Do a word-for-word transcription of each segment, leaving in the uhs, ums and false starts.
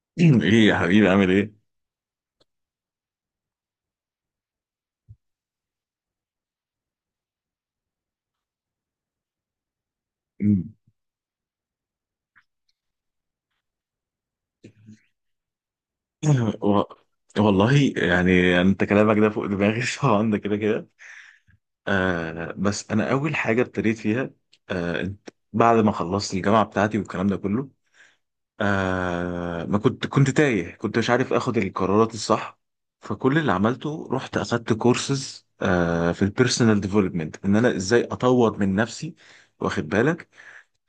ايه يا حبيبي عامل ايه؟ و... والله يعني انت كلامك ده فوق دماغي طبعا ده كده كده. آه بس انا اول حاجه ابتديت فيها. آه انت- بعد ما خلصت الجامعه بتاعتي والكلام ده كله، آه ما كنت كنت تايه، كنت مش عارف اخد القرارات الصح. فكل اللي عملته رحت اخدت كورسز آه في البيرسونال ديفلوبمنت، ان انا ازاي اطور من نفسي، واخد بالك.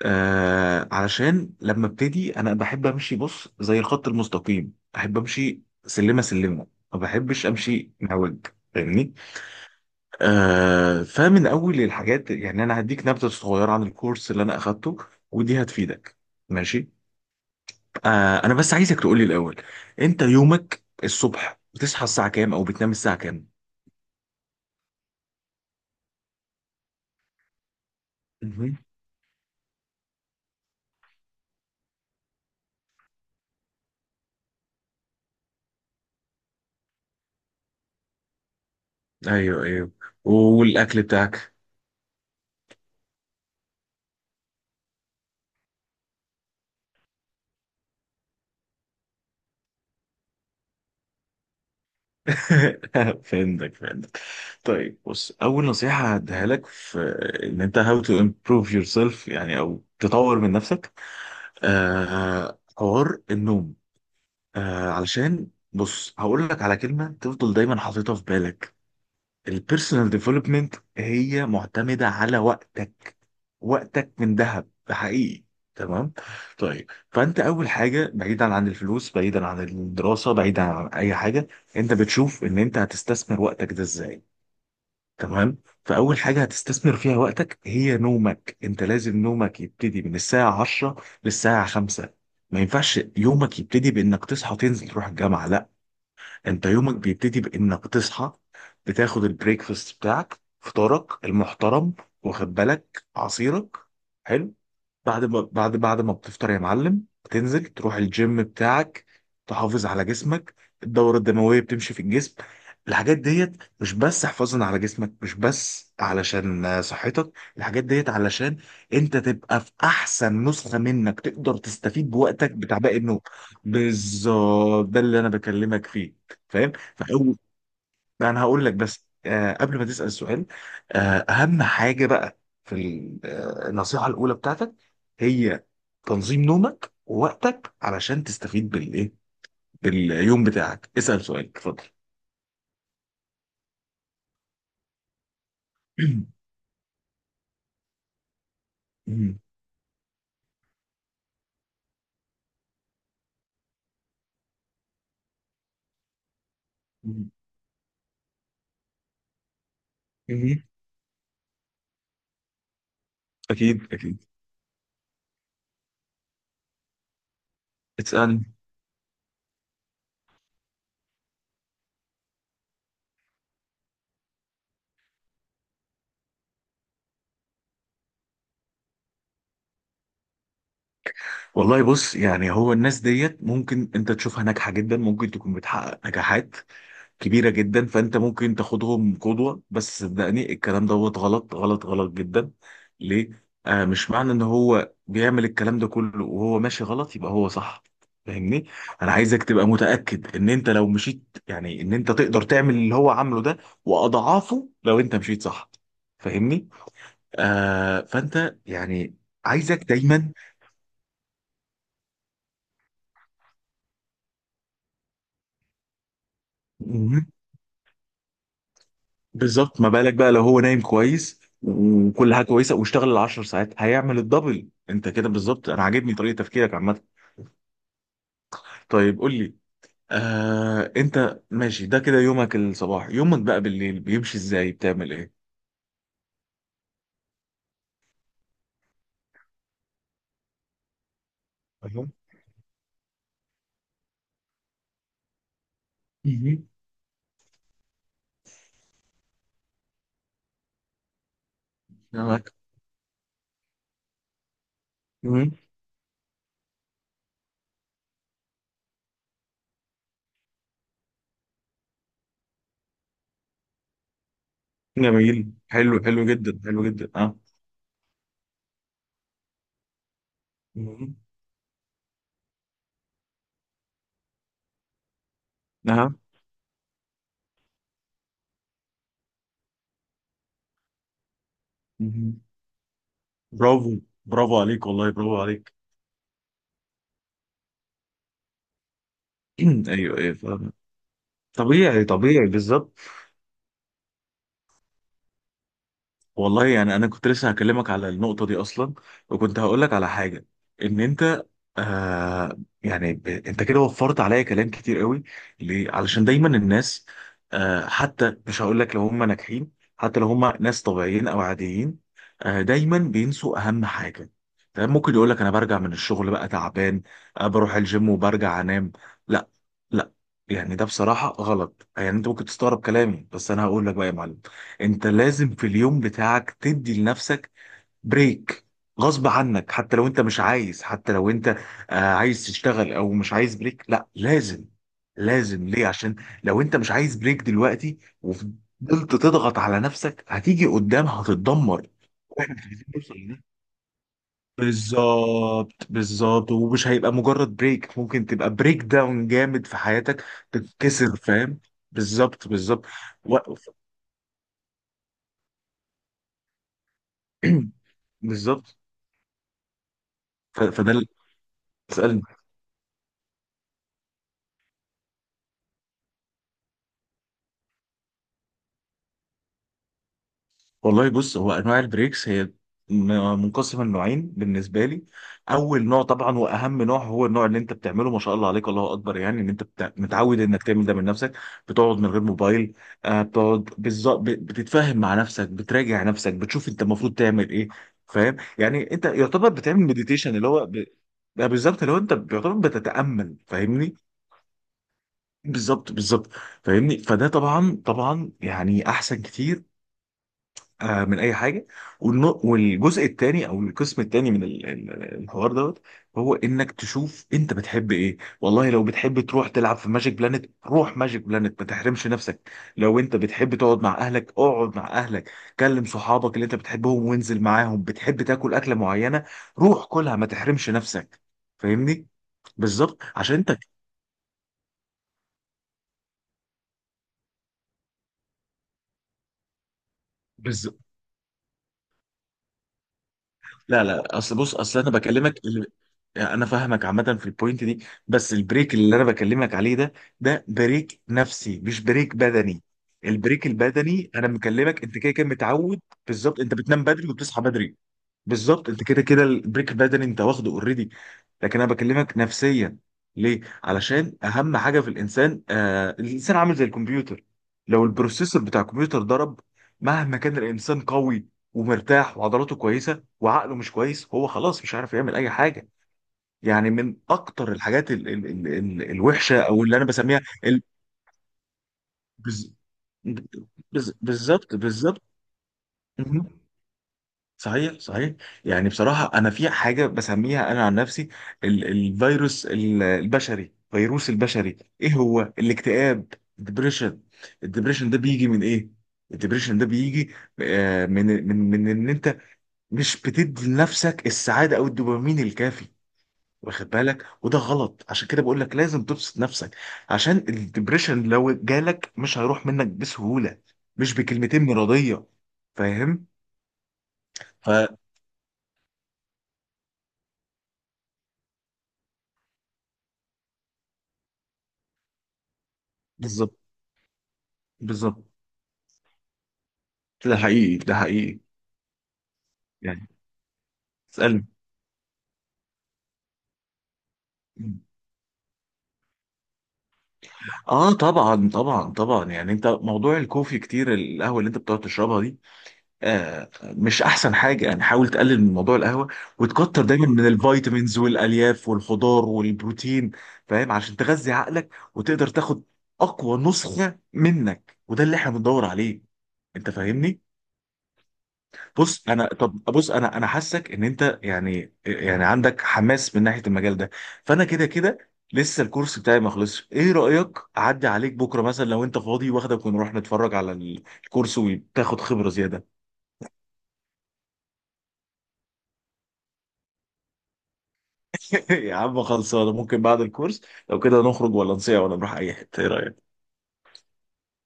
آه علشان لما ابتدي انا بحب امشي، بص، زي الخط المستقيم احب امشي سلمه سلمه، ما بحبش امشي مهوج، فاهمني. آه فمن اول الحاجات يعني انا هديك نبذه صغيره عن الكورس اللي انا اخدته، ودي هتفيدك. ماشي. آه انا بس عايزك تقولي الاول، انت يومك الصبح بتصحى الساعه كام او بتنام الساعه كام؟ مهم. ايوه ايوه. والاكل بتاعك؟ فهمتك فهمتك. طيب بص، اول نصيحه هديها لك في ان انت how to improve yourself يعني او تطور من نفسك. آه حوار النوم. آه علشان بص هقول لك على كلمه تفضل دايما حاططها في بالك. البيرسونال ديفلوبمنت هي معتمدة على وقتك. وقتك من ذهب، ده حقيقي. تمام. طيب فانت اول حاجه، بعيدا عن الفلوس، بعيدا عن الدراسه، بعيدا عن اي حاجه، انت بتشوف ان انت هتستثمر وقتك ده ازاي. تمام. فاول حاجه هتستثمر فيها وقتك هي نومك. انت لازم نومك يبتدي من الساعه عشرة للساعه خمسة. ما ينفعش يومك يبتدي بانك تصحى تنزل تروح الجامعه، لا. انت يومك بيبتدي بانك تصحى، بتاخد البريكفاست بتاعك، فطارك المحترم، واخد بالك، عصيرك، حلو. بعد ما بعد بعد ما بتفطر يا معلم، بتنزل تروح الجيم بتاعك، تحافظ على جسمك، الدورة الدموية بتمشي في الجسم. الحاجات ديت مش بس حفاظا على جسمك، مش بس علشان آه، صحتك، الحاجات ديت علشان انت تبقى في احسن نسخة منك، تقدر تستفيد بوقتك بتاع باقي النوم. بالظبط ده اللي انا بكلمك فيه. فاهم. فاول انا هقول لك بس آه قبل ما تسأل السؤال. آه اهم حاجة بقى، في ال- آه، النصيحة الاولى بتاعتك هي تنظيم نومك ووقتك علشان تستفيد بالايه، باليوم بتاعك. اسأل سؤالك، اتفضل. مم. مم. مم. اكيد اكيد. اسألني. والله بص، يعني هو الناس ديت ممكن انت تشوفها ناجحة جدا، ممكن تكون بتحقق نجاحات كبيرة جدا، فأنت ممكن تاخدهم قدوة، بس صدقني الكلام دوت غلط غلط غلط جدا. ليه؟ آه مش معنى إن هو بيعمل الكلام ده كله وهو ماشي غلط يبقى هو صح، فاهمني؟ أنا عايزك تبقى متأكد إن أنت لو مشيت، يعني إن أنت تقدر تعمل اللي هو عامله ده وأضعافه لو أنت مشيت صح. فاهمني؟ آه فأنت يعني عايزك دايما. بالظبط، ما بالك بقى لو هو نايم كويس وكل حاجه كويسه واشتغل العشر ساعات، هيعمل الدبل. انت كده بالظبط، انا عاجبني طريقه تفكيرك عامه. طيب قول لي، آه انت ماشي ده كده، يومك الصباح، يومك بقى بالليل بيمشي ازاي، بتعمل ايه؟ فاهم. مهم. معاك. مهم. جميل، حلو حلو جدا، حلو جدا، اه. مهم. اه. مهم. برافو، برافو عليك والله، برافو عليك. ايوه ايوه فاهم. طبيعي طبيعي بالظبط. والله يعني انا كنت لسه هكلمك على النقطه دي اصلا، وكنت هقول لك على حاجه ان انت، آه يعني ب... انت كده وفرت عليا كلام كتير قوي. ليه؟ علشان دايما الناس، آه حتى مش هقول لك لو هم ناجحين، حتى لو هم ناس طبيعيين او عاديين، آه دايما بينسوا اهم حاجه. تمام، ممكن يقول لك انا برجع من الشغل بقى تعبان، آه بروح الجيم وبرجع انام. لا لا، يعني ده بصراحه غلط. يعني انت ممكن تستغرب كلامي، بس انا هقول لك بقى يا معلم، انت لازم في اليوم بتاعك تدي لنفسك بريك، غصب عنك، حتى لو انت مش عايز، حتى لو انت آه، عايز تشتغل او مش عايز بريك، لا لازم. لازم ليه؟ عشان لو انت مش عايز بريك دلوقتي وفضلت تضغط على نفسك، هتيجي قدام هتتدمر، واحنا مش عايزين نوصل لده. بالظبط بالظبط، ومش هيبقى مجرد بريك، ممكن تبقى بريك داون جامد في حياتك، تتكسر، فاهم. بالظبط بالظبط. و... بالظبط. ف- فده تسألني. والله بص، هو أنواع البريكس هي م- منقسمة لنوعين بالنسبة لي. أول نوع طبعا وأهم نوع هو النوع اللي أنت بتعمله، ما شاء الله عليك، الله أكبر، يعني إن أنت بتع- متعود إنك تعمل ده من نفسك. بتقعد من غير موبايل، آه، بتقعد بالظبط، ب- بتتفاهم مع نفسك، بتراجع نفسك، بتشوف أنت المفروض تعمل إيه. فاهم، يعني أنت يعتبر بتعمل مديتيشن اللي هو ب... بقى بالظبط، اللي هو أنت يعتبر بتتأمل، فاهمني. بالظبط بالظبط، فاهمني. فده طبعا طبعا، يعني أحسن كتير آه، من اي حاجه. والن- والجزء الثاني او القسم الثاني من ال- ال- الحوار دوت هو انك تشوف انت بتحب ايه. والله لو بتحب تروح تلعب في ماجيك بلانت، روح ماجيك بلانت، ما تحرمش نفسك. لو انت بتحب تقعد مع اهلك، اقعد مع اهلك، كلم صحابك اللي انت بتحبهم وانزل معاهم. بتحب تاكل اكله معينه، روح كلها، ما تحرمش نفسك. فاهمني. بالظبط عشان انت. لا لا، اصل بص، اصل انا بكلمك اللي... يعني انا فاهمك عامه في البوينت دي، بس البريك اللي انا بكلمك عليه ده، ده بريك نفسي مش بريك بدني. البريك البدني انا مكلمك انت كده كده متعود. بالظبط، انت بتنام بدري وبتصحى بدري. بالظبط، انت كده كده البريك بدني انت واخده اوريدي. لكن انا بكلمك نفسيا. ليه؟ علشان اهم حاجه في الانسان، آه الانسان عامل زي الكمبيوتر. لو البروسيسور بتاع الكمبيوتر ضرب، مهما كان الانسان قوي ومرتاح وعضلاته كويسه وعقله مش كويس، هو خلاص مش عارف يعمل اي حاجه. يعني من اكتر الحاجات ال ال ال ال الوحشه او اللي انا بسميها ال- بز- بز- بالظبط بالظبط. مهم. صحيح صحيح. يعني بصراحة أنا في حاجة بسميها أنا عن نفسي، ال- الفيروس ال- البشري، فيروس البشري إيه هو؟ الاكتئاب، الدبريشن. الدبريشن ده بيجي من إيه؟ الدبريشن ده بيجي آه، من من من إن أنت مش بتدي لنفسك السعادة أو الدوبامين الكافي، واخد بالك. وده غلط، عشان كده بقول لك لازم تبسط نفسك، عشان الدبريشن لو جالك مش هيروح منك بسهولة، مش بكلمتين مرضية، فاهم؟ فبالظبط بالظبط بالظبط. ده حقيقي ده حقيقي. يعني اسألني. اه طبعا طبعا طبعا، يعني انت موضوع الكوفي كتير، القهوه اللي انت بتقعد تشربها دي، آه مش احسن حاجه، يعني حاول تقلل من موضوع القهوه، وتكتر دايما من الفيتامينز والالياف والخضار والبروتين. فاهم؟ عشان تغذي عقلك وتقدر تاخد اقوى نسخه منك، وده اللي احنا بندور عليه. انت فاهمني. بص انا، طب بص، انا انا حاسك ان انت يعني يعني عندك حماس من ناحيه المجال ده، فانا كده كده لسه الكورس بتاعي ما خلصش، ايه رايك اعدي عليك بكره مثلا لو انت فاضي، واخدك ونروح نتفرج على الكورس وتاخد خبره زياده. يا عم خلصانه، ممكن بعد الكورس لو كده نخرج ولا نصيع ولا نروح اي حته، ايه رايك؟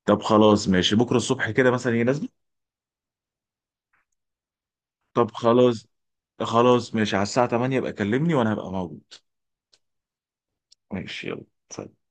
طب خلاص ماشي، بكره الصبح كده مثلا هي نازله. طب خلاص، خلاص ماشي على الساعه ثمانية يبقى كلمني وانا هبقى موجود. ماشي يلا. سلام.